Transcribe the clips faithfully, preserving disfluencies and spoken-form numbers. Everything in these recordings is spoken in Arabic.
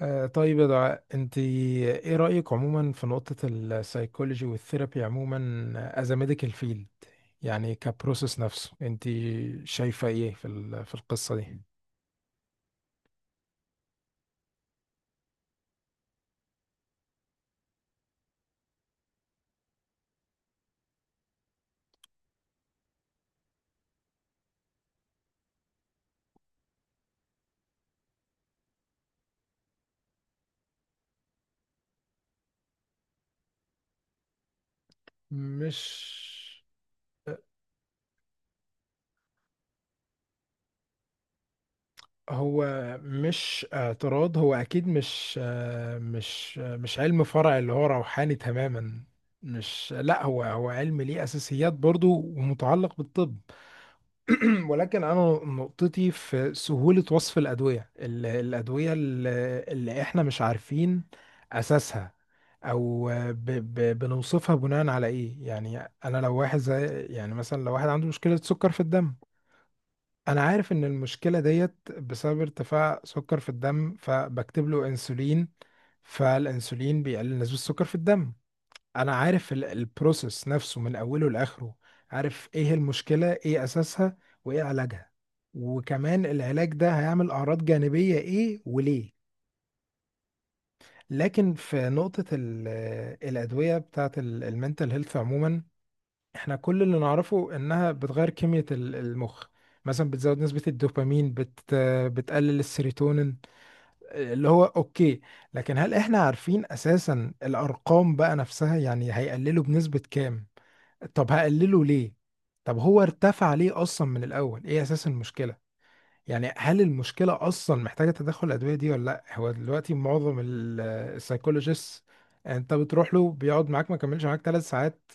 آه، طيب، يا دعاء، انت ايه رأيك عموما في نقطة السايكولوجي والثيرابي عموما از ميديكال فيلد؟ يعني كبروسيس نفسه، انت شايفة ايه في ال- في القصة دي؟ مش هو مش اعتراض. هو اكيد مش، آه، مش آه، مش علم فرع اللي هو روحاني تماما. مش لا، هو هو علم ليه اساسيات برضو ومتعلق بالطب. ولكن انا نقطتي في سهولة وصف الأدوية، ال- الأدوية ال- اللي احنا مش عارفين أساسها، او ب ب بنوصفها بناء على ايه يعني. انا لو واحد زي يعني مثلا لو واحد عنده مشكلة سكر في الدم، انا عارف ان المشكلة ديت بسبب ارتفاع سكر في الدم، فبكتب له انسولين. فالانسولين بيقلل نسبة السكر في الدم. انا عارف ال- البروسيس نفسه من اوله لاخره، عارف ايه هي المشكله، ايه اساسها، وايه علاجها، وكمان العلاج ده هيعمل اعراض جانبيه ايه وليه. لكن في نقطه ال- الادويه بتاعه المنتل هيلث عموما، احنا كل اللي نعرفه انها بتغير كميه ال- المخ. مثلا بتزود نسبه الدوبامين، بت بتقلل السيروتونين، اللي هو اوكي. لكن هل احنا عارفين اساسا الارقام بقى نفسها، يعني هيقللوا بنسبه كام؟ طب هقلله ليه؟ طب هو ارتفع ليه اصلا من الاول؟ ايه اساس المشكله؟ يعني هل المشكله اصلا محتاجه تدخل الادويه دي ولا لا؟ هو دلوقتي معظم السايكولوجيست انت بتروح له بيقعد معاك ما كملش معاك ثلاث ساعات،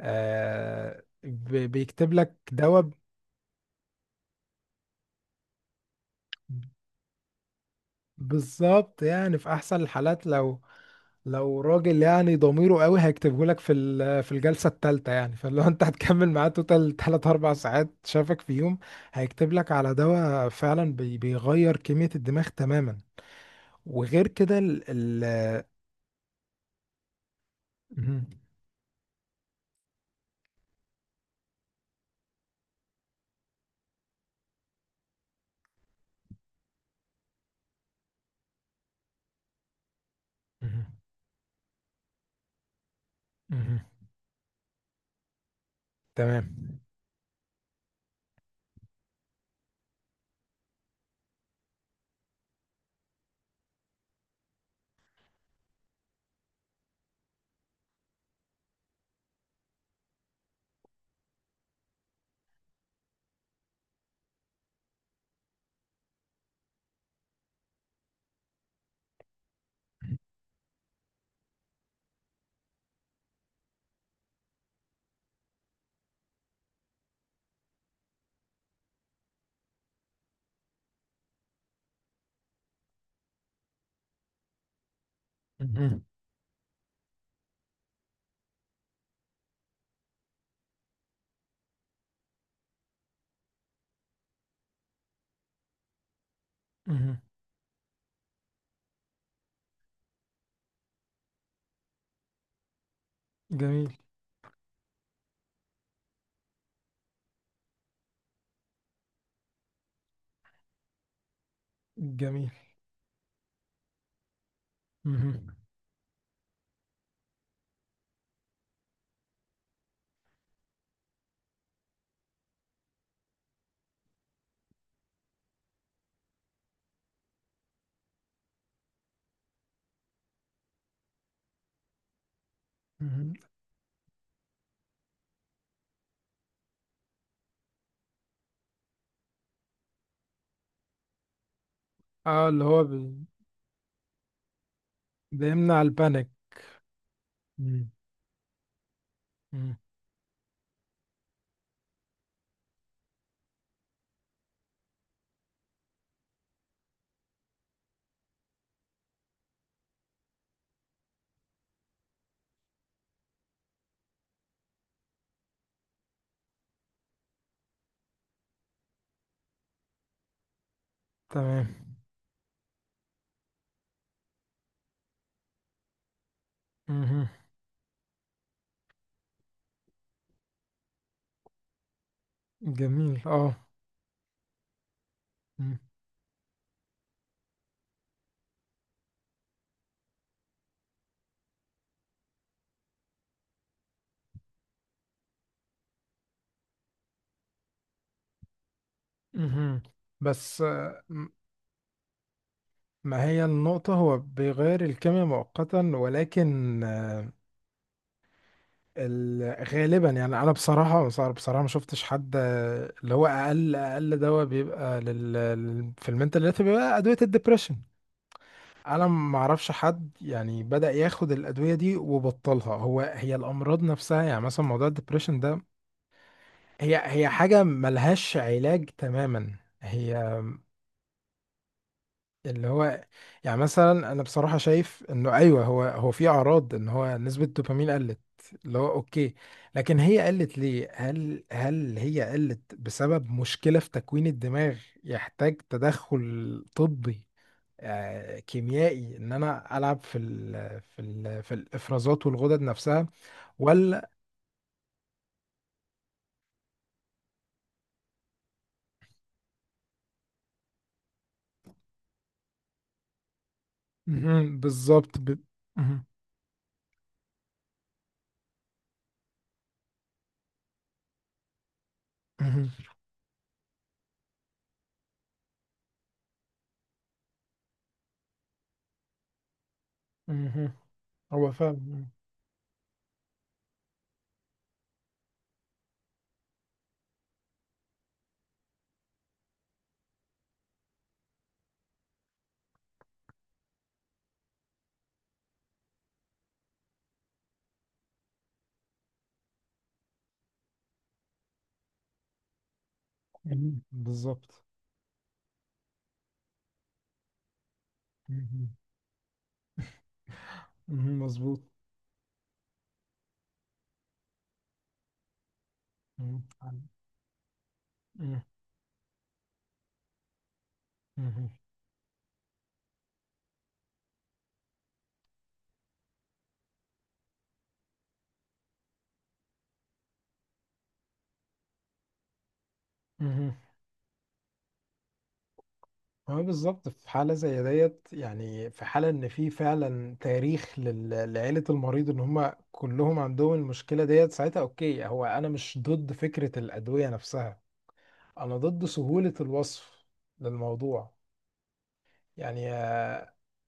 آه، بي- بيكتب لك دواء. بالظبط. يعني في احسن الحالات، لو، لو راجل يعني ضميره قوي هيكتبه لك في ال- في الجلسه الثالثه يعني. فلو انت هتكمل معاه توتال ثلاث اربع ساعات، شافك في يوم هيكتب لك على دواء فعلا بي- بيغير كميه الدماغ تماما. وغير كده ال ال مهم. مهم. مهم. تمام. مهم. مهم. جميل. جميل. مهم. مهم. اه، اللي هو بي- بيمنع البانيك. مم. مم. تمام. مهم. جميل، اه. مم. مهم. بس، آه، م- ما هي النقطة. هو بيغير الكيمياء مؤقتا، ولكن آه، ال- غالبا يعني أنا بصراحة بصراحة بصراحة ما شفتش حد، آه، اللي هو أقل، أقل دواء بيبقى لل... لل- في المنتال هيلث بيبقى أدوية الدبريشن. أنا ما أعرفش حد يعني بدأ ياخد الأدوية دي وبطلها. هو هي الأمراض نفسها، يعني مثلا موضوع الدبريشن ده، هي هي حاجة ملهاش علاج تماما. هي اللي هو يعني مثلا انا بصراحه شايف انه ايوه، هو هو في اعراض ان هو نسبه الدوبامين قلت، اللي هو اوكي. لكن هي قلت ليه؟ هل هل هي قلت بسبب مشكله في تكوين الدماغ يحتاج تدخل طبي، آه، كيميائي، ان انا العب في ال في ال في الافرازات والغدد نفسها ولا؟ مهم. بالظبط. ب... مهم. مهم. مهم. هو فعلا. مهم. بالظبط. مهم. مهم. مظبوط. مم. مم. مم. مم. هو بالظبط في حالة زي ديت. يعني في حالة ان في فعلا تاريخ لل- لعيلة المريض ان هم كلهم عندهم المشكلة ديت، ساعتها اوكي. هو انا مش ضد فكرة الأدوية نفسها، انا ضد سهولة الوصف للموضوع. يعني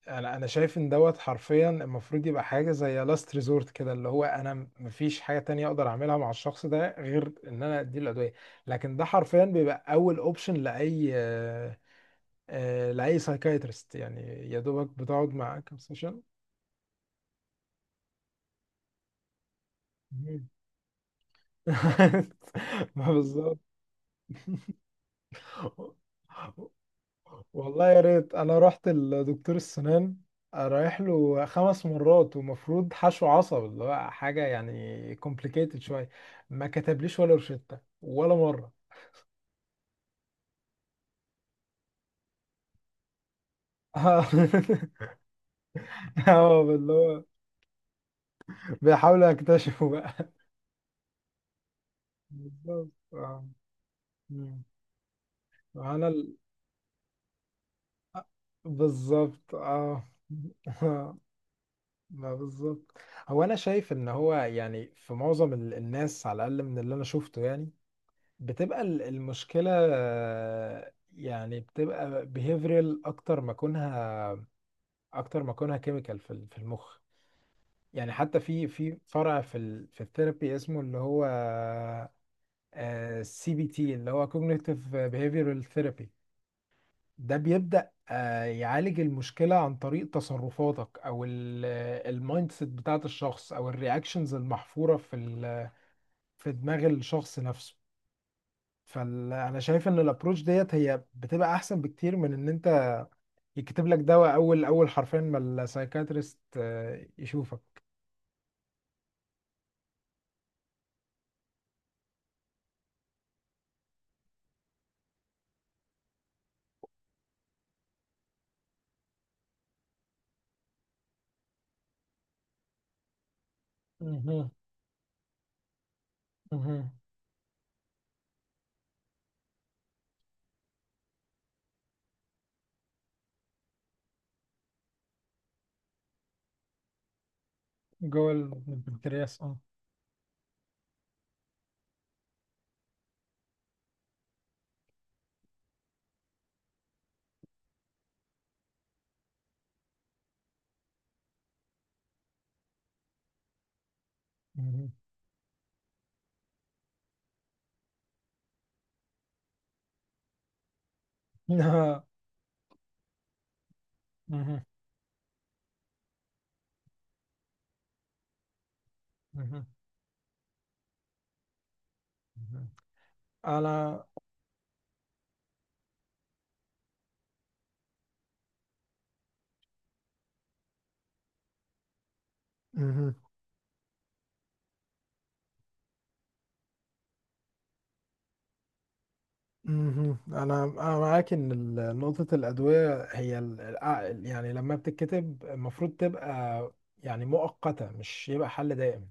انا انا شايف ان دوت حرفيا المفروض يبقى حاجه زي لاست ريزورت كده، اللي هو انا م- مفيش حاجه تانية اقدر اعملها مع الشخص ده غير ان انا اديله الادويه. لكن ده حرفيا بيبقى اول اوبشن لاي، آه، آه، لاي سايكايترست يعني. يا دوبك بتقعد معاه كام سيشن. مم. ما بالظبط. والله يا ريت. انا رحت لدكتور السنان رايح له خمس مرات، ومفروض حشو عصب اللي هو حاجه يعني كومبليكيتد شويه، ما كتبليش ولا روشته ولا مره. اه. آه، اللي هو بيحاولوا يكتشفوا بقى. بالظبط، اه. مم. انا ال... بالظبط، اه. ما بالظبط. هو انا شايف ان هو يعني في معظم ال- الناس على الاقل من اللي انا شفته يعني، بتبقى ال- المشكلة، آه، يعني بتبقى behavioral أكتر ما كونها، أكتر ما كونها chemical في ال- في المخ. يعني حتى في في فرع في ال في الثيرابي اسمه اللي هو سي بي تي، اللي هو cognitive behavioral therapy. ده بيبدأ، آه، يعالج المشكلة عن طريق تصرفاتك أو المايند سيت بتاعت الشخص أو الرياكشنز المحفورة في ال- في دماغ الشخص نفسه. فانا شايف ان الابروش ديت هي بتبقى احسن بكتير من ان انت يكتب لك دواء اول، اول حرفين ما السايكاتريست، آه، يشوفك. مهم. مهم. جوه البنكرياس، اه. مهم. مهم. مهم. مهم. انا. مهم. مهم. انا انا معاك ان ال- نقطة الادوية هي ال- الع- يعني لما بتتكتب المفروض تبقى يعني مؤقتة، مش يبقى حل دائم.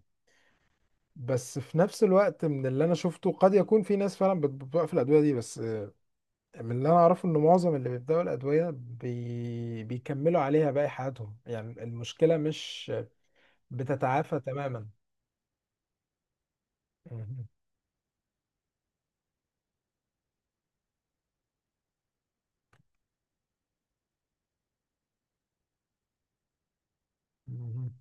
بس في نفس الوقت، من اللي انا شفته قد يكون في ناس فعلا بت- بتوقف الادويه دي. بس، آه، من اللي انا اعرفه ان معظم اللي بيبداوا الادويه بي... بيكملوا عليها باقي حياتهم. يعني المشكله مش بتتعافى تماما. مهم. مهم.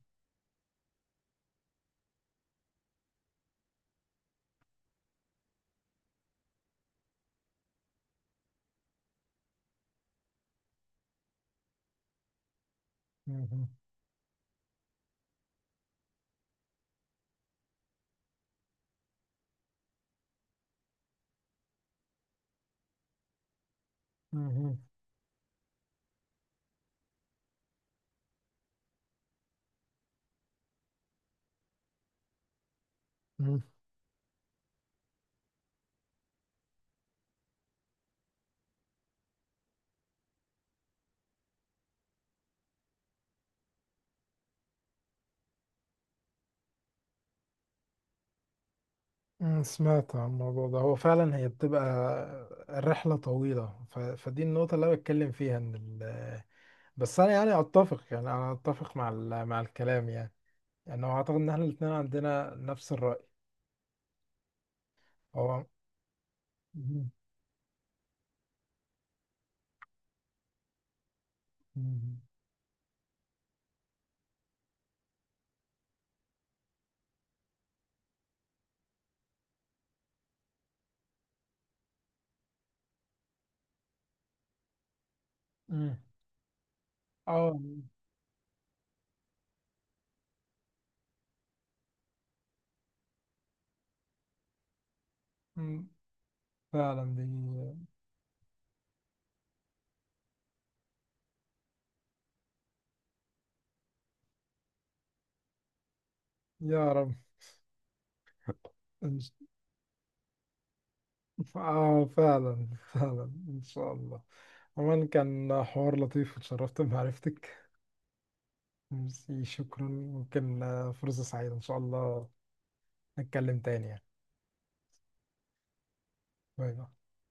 مهم. مهم. مهم. مم. سمعت عن الموضوع ده. هو فعلا هي بتبقى الرحله طويله. ف... فدي النقطه اللي انا بتكلم فيها ان ال... بس انا يعني اتفق. يعني انا اتفق مع ال... مع الكلام يعني. يعني هو اعتقد ان احنا الاثنين عندنا نفس الرأي. هو. مم. مم. مم. اه. مم. فعلا دي. يا رب. إن ش- اه، فعلا، فعلا ان شاء الله. عموما كان حوار لطيف، وتشرفت بمعرفتك. ميرسي، شكرا. ممكن، آه، فرصة سعيدة ان شاء الله نتكلم تاني يعني. باي باي.